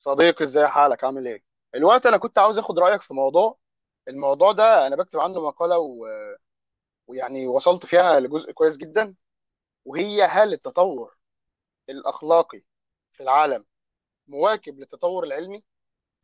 صديقي، ازاي حالك؟ عامل ايه الوقت؟ انا كنت عاوز اخد رايك في موضوع. الموضوع ده انا بكتب عنه مقاله ويعني وصلت فيها لجزء كويس جدا. وهي، هل التطور الاخلاقي في العالم مواكب للتطور العلمي؟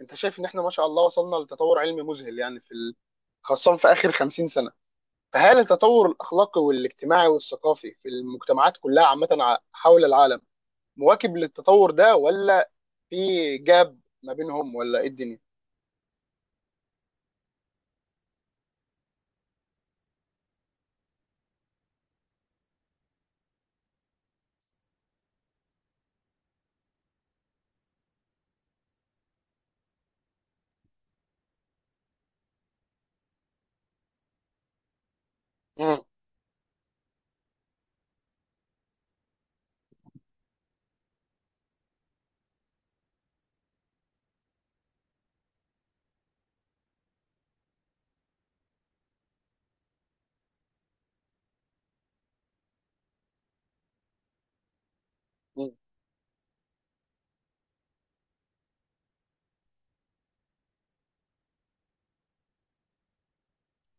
انت شايف ان احنا ما شاء الله وصلنا لتطور علمي مذهل، يعني في خاصه في اخر 50 سنه. فهل التطور الاخلاقي والاجتماعي والثقافي في المجتمعات كلها عامه حول العالم مواكب للتطور ده، ولا في جاب ما بينهم، ولا ايه الدنيا؟ مم.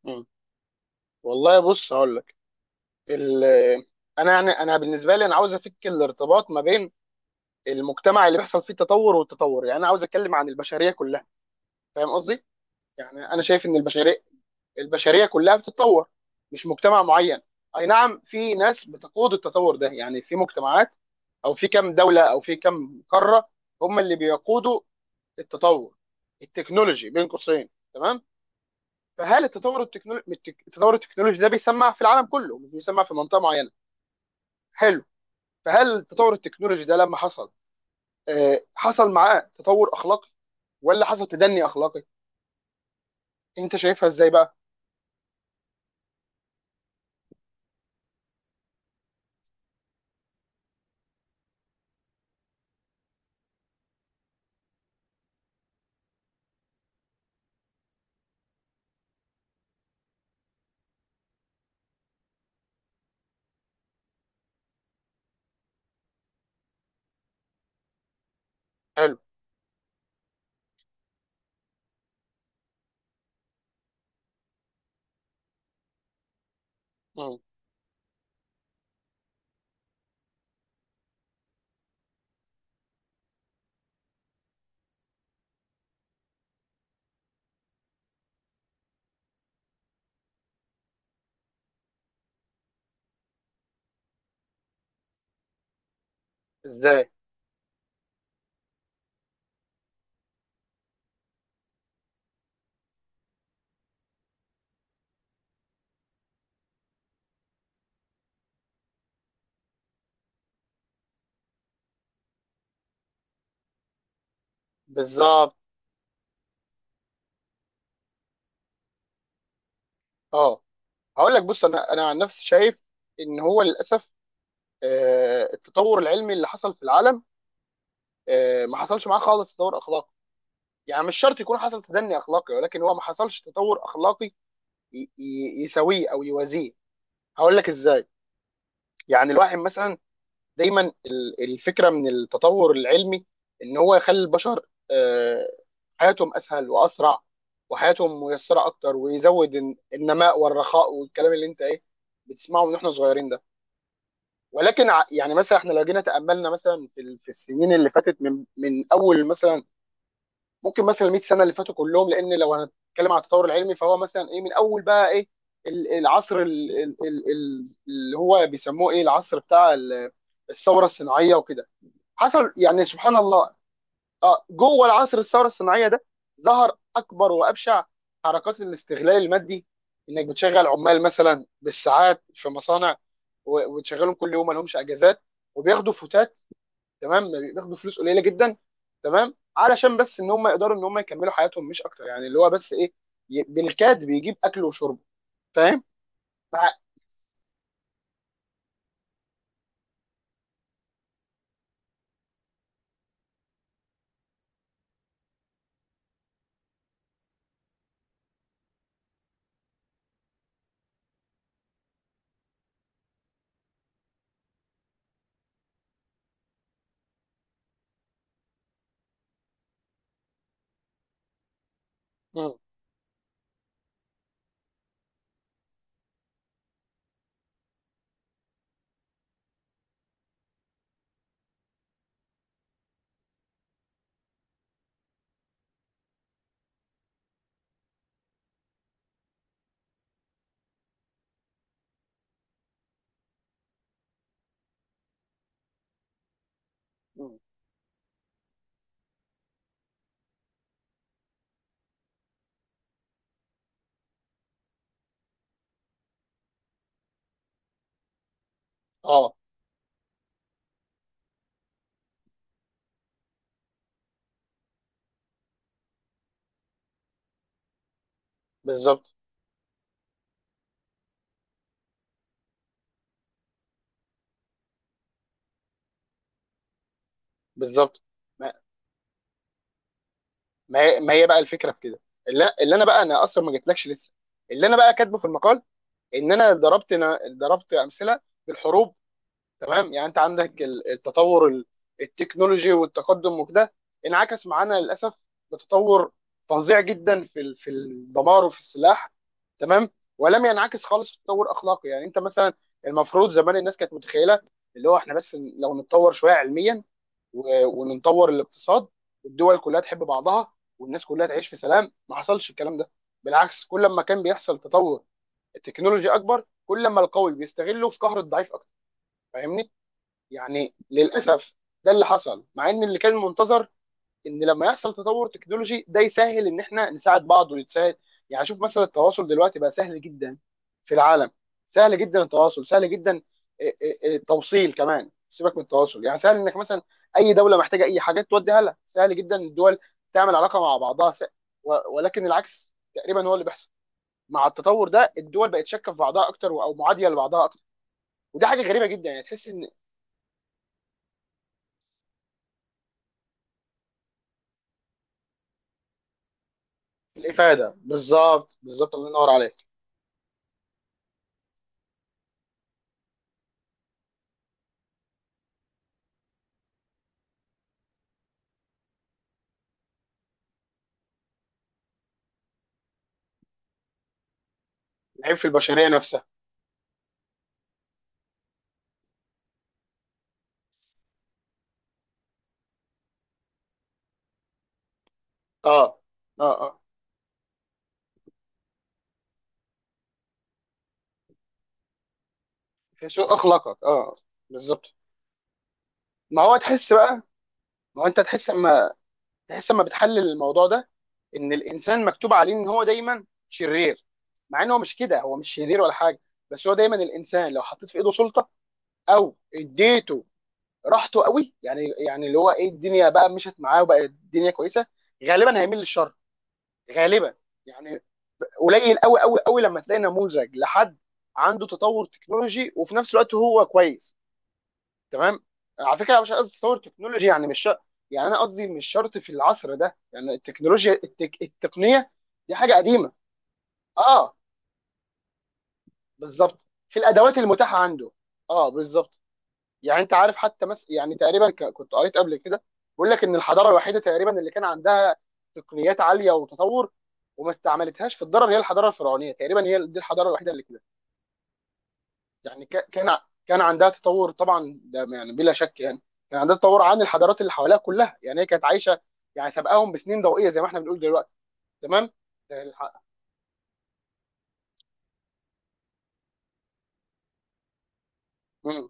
مم. والله بص، هقول لك ال... انا، يعني انا بالنسبه لي، انا عاوز افك الارتباط ما بين المجتمع اللي بيحصل فيه التطور والتطور. يعني انا عاوز اتكلم عن البشريه كلها. فاهم قصدي؟ يعني انا شايف ان البشريه كلها بتتطور. مش مجتمع معين. اي نعم، في ناس بتقود التطور ده، يعني في مجتمعات، او في كم دوله، او في كم قاره، هم اللي بيقودوا التطور التكنولوجي بين قوسين. تمام. فهل التطور التكنولوجي ده بيسمع في العالم كله، مش بيسمع في منطقه معينه. حلو. فهل تطور التكنولوجي ده لما حصل، حصل معاه تطور اخلاقي ولا حصل تدني اخلاقي؟ انت شايفها ازاي بقى؟ حلو. مم. ازاي؟ بالظبط. اه. هقول لك، بص، انا عن نفسي شايف ان هو للاسف، التطور العلمي اللي حصل في العالم، ما حصلش معاه خالص تطور اخلاقي. يعني مش شرط يكون حصل تدني اخلاقي، ولكن هو ما حصلش تطور اخلاقي يساويه او يوازيه. هقول لك ازاي. يعني الواحد مثلا، دايما الفكره من التطور العلمي ان هو يخلي البشر حياتهم اسهل واسرع، وحياتهم ميسره اكتر، ويزود النماء والرخاء والكلام اللي انت ايه بتسمعه من احنا صغيرين ده. ولكن يعني مثلا احنا لو جينا تاملنا مثلا في في السنين اللي فاتت من اول مثلا ممكن مثلا 100 سنه اللي فاتوا كلهم، لان لو هنتكلم على التطور العلمي فهو مثلا ايه، من اول بقى ايه، العصر اللي هو بيسموه ايه، العصر بتاع الثوره الصناعيه وكده. حصل، يعني سبحان الله. جوه العصر الثوره الصناعيه ده، ظهر اكبر وابشع حركات الاستغلال المادي. انك بتشغل عمال مثلا بالساعات في مصانع، وتشغلهم كل يوم ما لهمش اجازات، وبياخدوا فتات. تمام. بياخدوا فلوس قليله جدا. تمام، علشان بس ان هم يقدروا ان هم يكملوا حياتهم، مش اكتر، يعني اللي هو بس ايه، بالكاد بيجيب اكل وشرب. فاهم؟ مع- مم. مم. اه. بالظبط، بالظبط. ما هي بقى الفكره في كده. اللي انا بقى، انا اصلا ما جيتلكش لسه، اللي انا بقى كاتبه في المقال ان انا ضربت امثله بالحروب. تمام، يعني انت عندك التطور التكنولوجي والتقدم وكده، انعكس معانا للاسف بتطور فظيع جدا في في الدمار وفي السلاح. تمام. ولم ينعكس خالص في تطور اخلاقي. يعني انت مثلا، المفروض زمان الناس كانت متخيله اللي هو احنا بس لو نتطور شويه علميا، ونطور الاقتصاد، والدول كلها تحب بعضها، والناس كلها تعيش في سلام. ما حصلش الكلام ده. بالعكس، كل ما كان بيحصل تطور التكنولوجي اكبر، كل ما القوي بيستغله في قهر الضعيف اكتر. فاهمني؟ يعني للاسف، ده اللي حصل، مع ان اللي كان منتظر ان لما يحصل تطور تكنولوجي ده يسهل ان احنا نساعد بعض ويتساعد. يعني شوف مثلا، التواصل دلوقتي بقى سهل جدا في العالم. سهل جدا التواصل، سهل جدا. إيه، إيه، إيه، التوصيل كمان، سيبك من التواصل، يعني سهل انك مثلا اي دوله محتاجه اي حاجات توديها لها، سهل جدا الدول تعمل علاقه مع بعضها ولكن العكس تقريبا هو اللي بيحصل مع التطور ده. الدول بقت شاكه في بعضها اكتر او معاديه لبعضها اكتر. ودي حاجه غريبه جدا، يعني تحس ان... الافاده، بالظبط، بالظبط، الله ينور عليك. العيب في البشريه نفسها. اه، اه، اه. سوء اخلاقك. اه، بالظبط. ما هو تحس بقى ما هو انت تحس اما بتحلل الموضوع ده، ان الانسان مكتوب عليه ان هو دايما شرير. مع ان هو مش كده، هو مش شرير ولا حاجه. بس هو دايما الانسان لو حطيت في ايده سلطه، او اديته راحته قوي، يعني اللي هو ايه، الدنيا بقى مشت معاه وبقى الدنيا كويسه، غالبا هيميل للشر. غالبا. يعني قليل قوي قوي قوي لما تلاقي نموذج لحد عنده تطور تكنولوجي وفي نفس الوقت هو كويس. تمام. على فكره، أنا مش قصدي تطور تكنولوجي، يعني مش شرط. يعني انا قصدي مش شرط في العصر ده يعني التكنولوجيا التقنيه. دي حاجه قديمه. اه، بالظبط. في الادوات المتاحه عنده. اه، بالظبط. يعني انت عارف حتى يعني تقريبا كنت قريت قبل كده، بيقول لك ان الحضاره الوحيده تقريبا اللي كان عندها تقنيات عاليه وتطور، وما استعملتهاش في الضرر، هي الحضاره الفرعونيه. تقريبا هي دي الحضاره الوحيده اللي، يعني كان عندها تطور، طبعا ده يعني بلا شك، يعني كان عندها تطور عن الحضارات اللي حواليها كلها، يعني هي كانت عايشه، يعني سابقاهم بسنين ضوئيه زي ما احنا بنقول دلوقتي. تمام. الح- مم.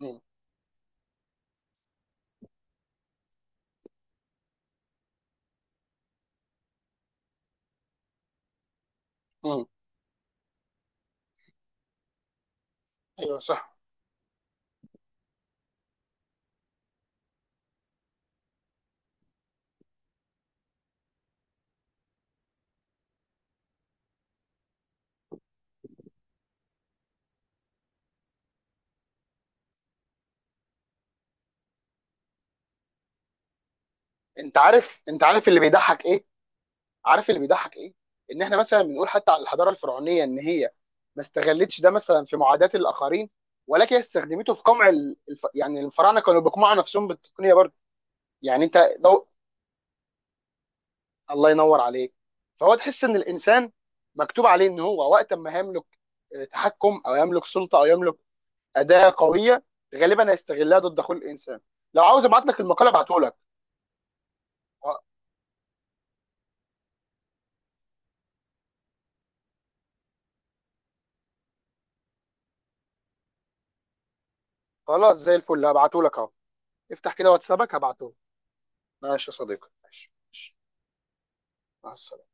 مم. مم. ايوه، صح. انت عارف اللي بيضحك ايه، عارف اللي بيضحك ايه، ان احنا مثلا بنقول حتى على الحضاره الفرعونيه ان هي ما استغلتش ده مثلا في معاداه الاخرين، ولكن هي استخدمته في قمع يعني الفراعنه كانوا بيقمعوا نفسهم بالتقنيه برضه. يعني انت، الله ينور عليك. فهو تحس ان الانسان مكتوب عليه ان هو وقت ما هيملك تحكم، او يملك سلطه، او يملك اداه قويه، غالبا هيستغلها ضد كل انسان. لو عاوز ابعت لك المقال ابعته لك. خلاص، زي الفل، هبعته لك اهو. افتح كده واتسابك هبعته لك. ماشي يا صديقي، ماشي، ماشي. مع السلامه.